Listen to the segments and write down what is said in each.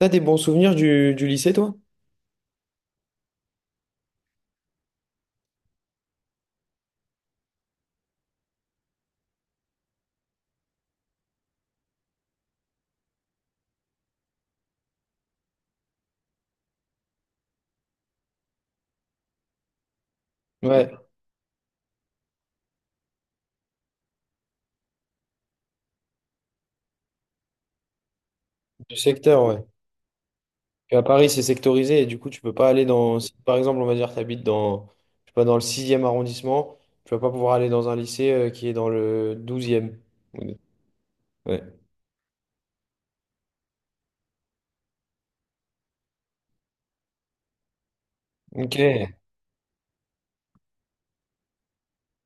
T'as des bons souvenirs du lycée, toi? Ouais, du secteur, ouais. Puis à Paris, c'est sectorisé et du coup, tu peux pas aller dans. Si, par exemple, on va dire que tu habites dans, je sais pas, dans le sixième arrondissement, tu vas pas pouvoir aller dans un lycée qui est dans le douzième. Ouais. Ok.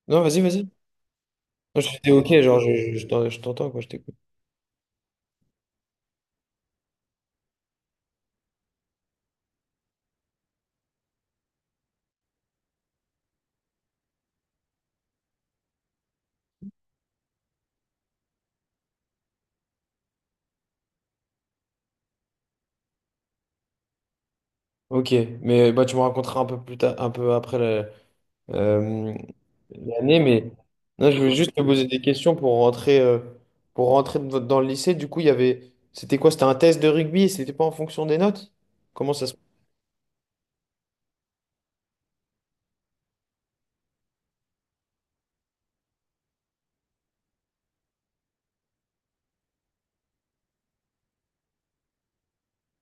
Non, vas-y, vas-y. Non, j'étais ok, genre, je t'entends, quoi, je t'écoute. Ok, mais bah, tu me raconteras un peu plus tard, un peu après euh, l'année, mais non, je voulais juste te poser des questions pour rentrer dans le lycée. Du coup, il y avait, c'était quoi? C'était un test de rugby et c'était pas en fonction des notes? Comment ça se...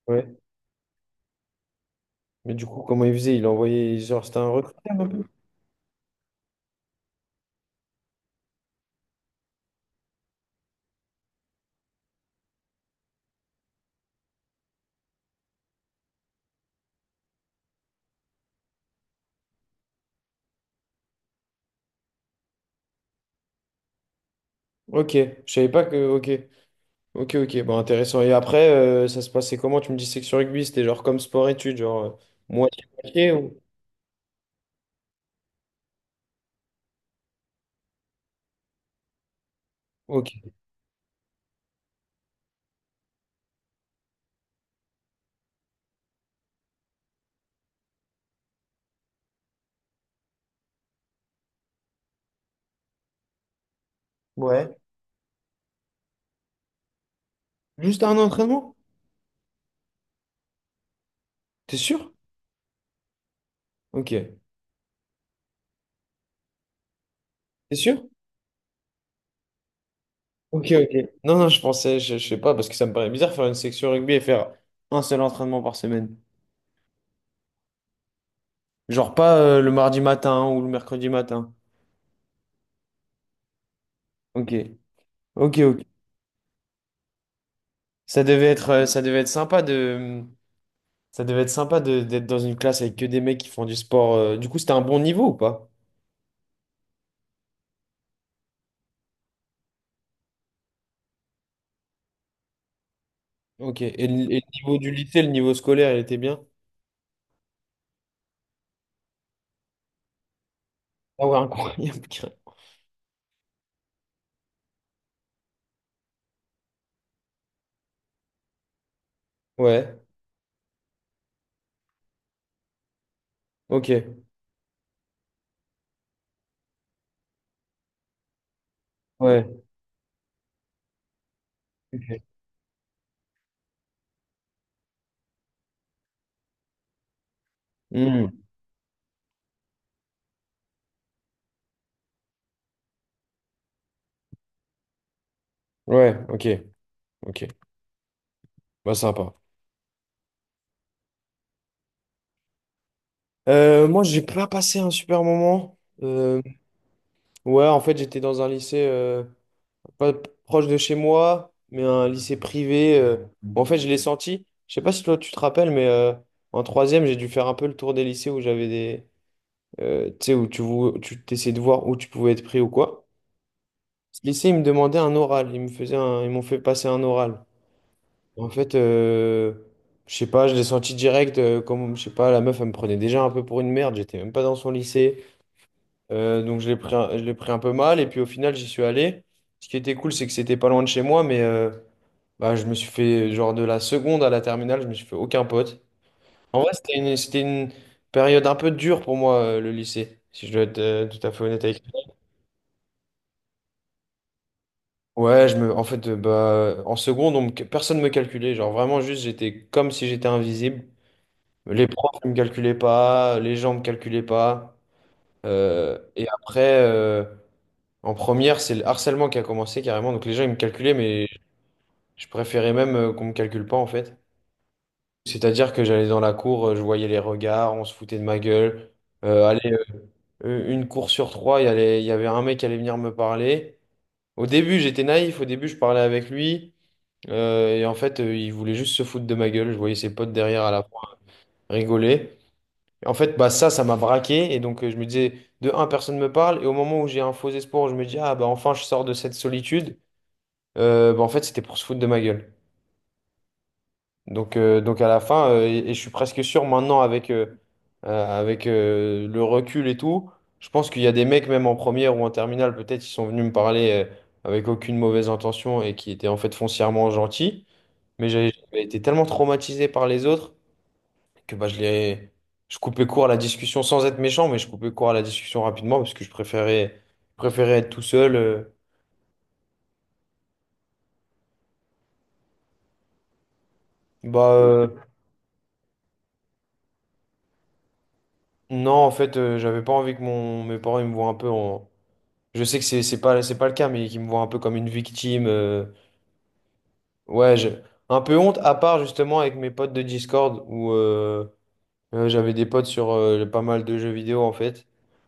Ouais. Mais du coup, comment il faisait? Il envoyait, genre, c'était un recruteur un peu. Ok, je savais pas que... Ok, ok, ok, bon, intéressant. Et après, ça se passait comment? Tu me disais que sur rugby, c'était genre comme sport-études, genre moitié-moitié ou... Ok. Ouais. Juste un entraînement? T'es sûr? Ok. T'es sûr? Ok, ok. Non, non, je pensais, je sais pas, parce que ça me paraît bizarre faire une section rugby et faire un seul entraînement par semaine. Genre pas le mardi matin ou le mercredi matin. Ok, ok, ok. Ça devait être sympa de, ça devait être d'être dans une classe avec que des mecs qui font du sport. Du coup, c'était un bon niveau ou pas? Ok. Et le niveau du lycée, le niveau scolaire, il était bien? Ah ouais, incroyable. Ouais. Ok. Ouais. Ok. Hmm. Ouais. Ok. Ok. Bah sympa. Moi, j'ai pas passé un super moment. Ouais, en fait, j'étais dans un lycée pas proche de chez moi, mais un lycée privé. Où, en fait, je l'ai senti. Je sais pas si toi tu te rappelles, mais en troisième, j'ai dû faire un peu le tour des lycées où j'avais des, tu sais, où tu t'essayais de voir où tu pouvais être pris ou quoi. Ce lycée, ils me demandaient un oral. Ils me faisaient ils m'ont fait passer un oral. En fait, je sais pas, je l'ai senti direct. Comme, je sais pas, la meuf, elle me prenait déjà un peu pour une merde. J'étais même pas dans son lycée. Donc je l'ai je l'ai pris un peu mal et puis au final j'y suis allé. Ce qui était cool c'est que c'était pas loin de chez moi mais bah, je me suis fait genre de la seconde à la terminale je me suis fait aucun pote. En vrai c'était c'était une période un peu dure pour moi le lycée si je dois être tout à fait honnête avec toi. Ouais je me en fait bah en seconde personne me calculait genre vraiment juste j'étais comme si j'étais invisible. Les profs ne me calculaient pas les gens me calculaient pas. Et après en première, c'est le harcèlement qui a commencé carrément. Donc les gens, ils me calculaient, mais je préférais même qu'on me calcule pas en fait. C'est-à-dire que j'allais dans la cour, je voyais les regards, on se foutait de ma gueule. Allez, une cour sur trois, il y avait un mec qui allait venir me parler. Au début, j'étais naïf. Au début, je parlais avec lui. Et en fait, il voulait juste se foutre de ma gueule. Je voyais ses potes derrière à la fois rigoler. Et en fait, bah ça, ça m'a braqué. Et donc, je me disais, de un, personne me parle. Et au moment où j'ai un faux espoir, je me dis, ah bah enfin, je sors de cette solitude. Bah, en fait, c'était pour se foutre de ma gueule. Donc à la fin, et je suis presque sûr maintenant avec, le recul et tout, je pense qu'il y a des mecs, même en première ou en terminale, peut-être, qui sont venus me parler avec aucune mauvaise intention et qui étaient en fait foncièrement gentils. Mais j'avais été tellement traumatisé par les autres que bah, je les... je coupais court à la discussion sans être méchant, mais je coupais court à la discussion rapidement parce que préférais être tout seul. Bah, euh, Non, en fait, j'avais pas envie que mes parents ils me voient un peu en. Je sais que c'est pas le cas, mais qu'ils me voient un peu comme une victime. Ouais, je- un peu honte, à part justement avec mes potes de Discord, où j'avais des potes sur pas mal de jeux vidéo, en fait.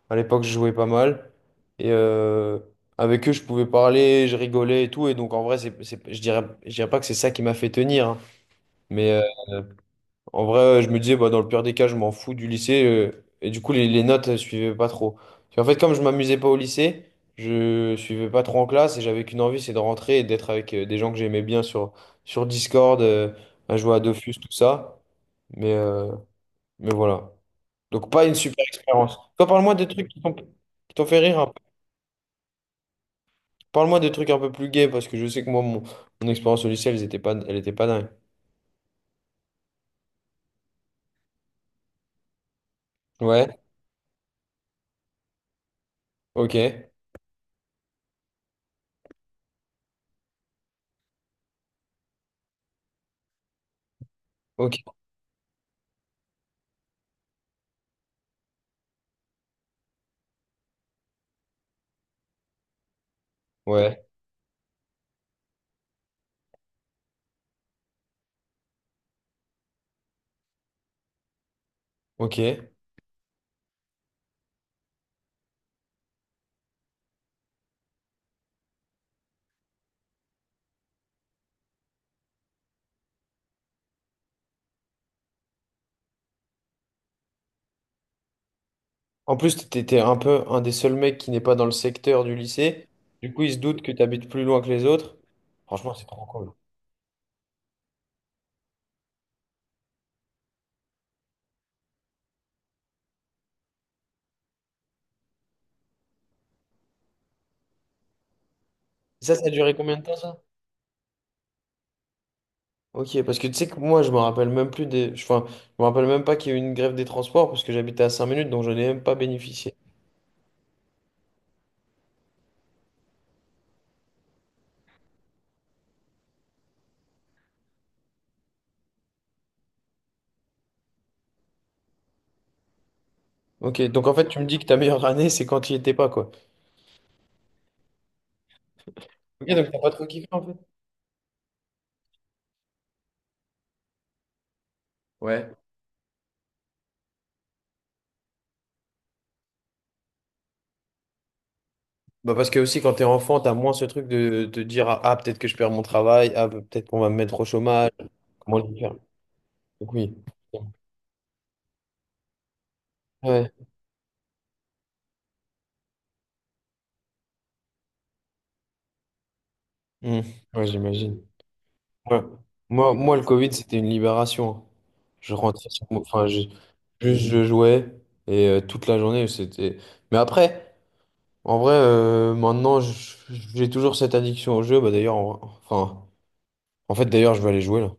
À l'époque, je jouais pas mal. Et avec eux, je pouvais parler, je rigolais et tout. Et donc, en vrai, je dirais pas que c'est ça qui m'a fait tenir. Hein, mais, euh, en vrai, je me disais, bah, dans le pire des cas, je m'en fous du lycée. Et du coup, les notes, je suivaient pas trop. Puis en fait, comme je m'amusais pas au lycée, je suivais pas trop en classe et j'avais qu'une envie, c'est de rentrer et d'être avec des gens que j'aimais bien sur Discord, à jouer à Dofus, tout ça. Mais, euh, mais voilà. Donc, pas une super expérience. Toi, parle-moi de trucs qui t'ont fait rire un peu. Parle-moi de trucs un peu plus gays parce que je sais que moi, mon expérience au lycée, elle était pas dingue. Ouais, ok, ok, ouais, ok. En plus, t'étais un peu un des seuls mecs qui n'est pas dans le secteur du lycée. Du coup, ils se doutent que t'habites plus loin que les autres. Franchement, c'est trop cool. Et ça a duré combien de temps, ça? Ok, parce que tu sais que moi, je me rappelle même plus des... Enfin, je me rappelle même pas qu'il y a eu une grève des transports parce que j'habitais à 5 minutes, donc je n'ai même pas bénéficié. Ok, donc en fait, tu me dis que ta meilleure année, c'est quand tu n'y étais pas, quoi. Ok, donc t'as pas trop kiffé, en fait. Ouais. Bah parce que aussi, quand t'es enfant, t'as moins ce truc de te dire, ah, ah, peut-être que je perds mon travail, ah, peut-être qu'on va me mettre au chômage, comment le faire? Donc oui. Ouais. Mm. Ouais, j'imagine. Ouais. Moi, moi, le Covid, c'était une libération. Hein. Je rentrais sur mon- Enfin, je- juste je jouais et toute la journée, c'était... Mais après, en vrai, maintenant, je- j'ai toujours cette addiction au jeu. Bah, d'ailleurs, en... enfin, en fait, d'ailleurs, je vais aller jouer là.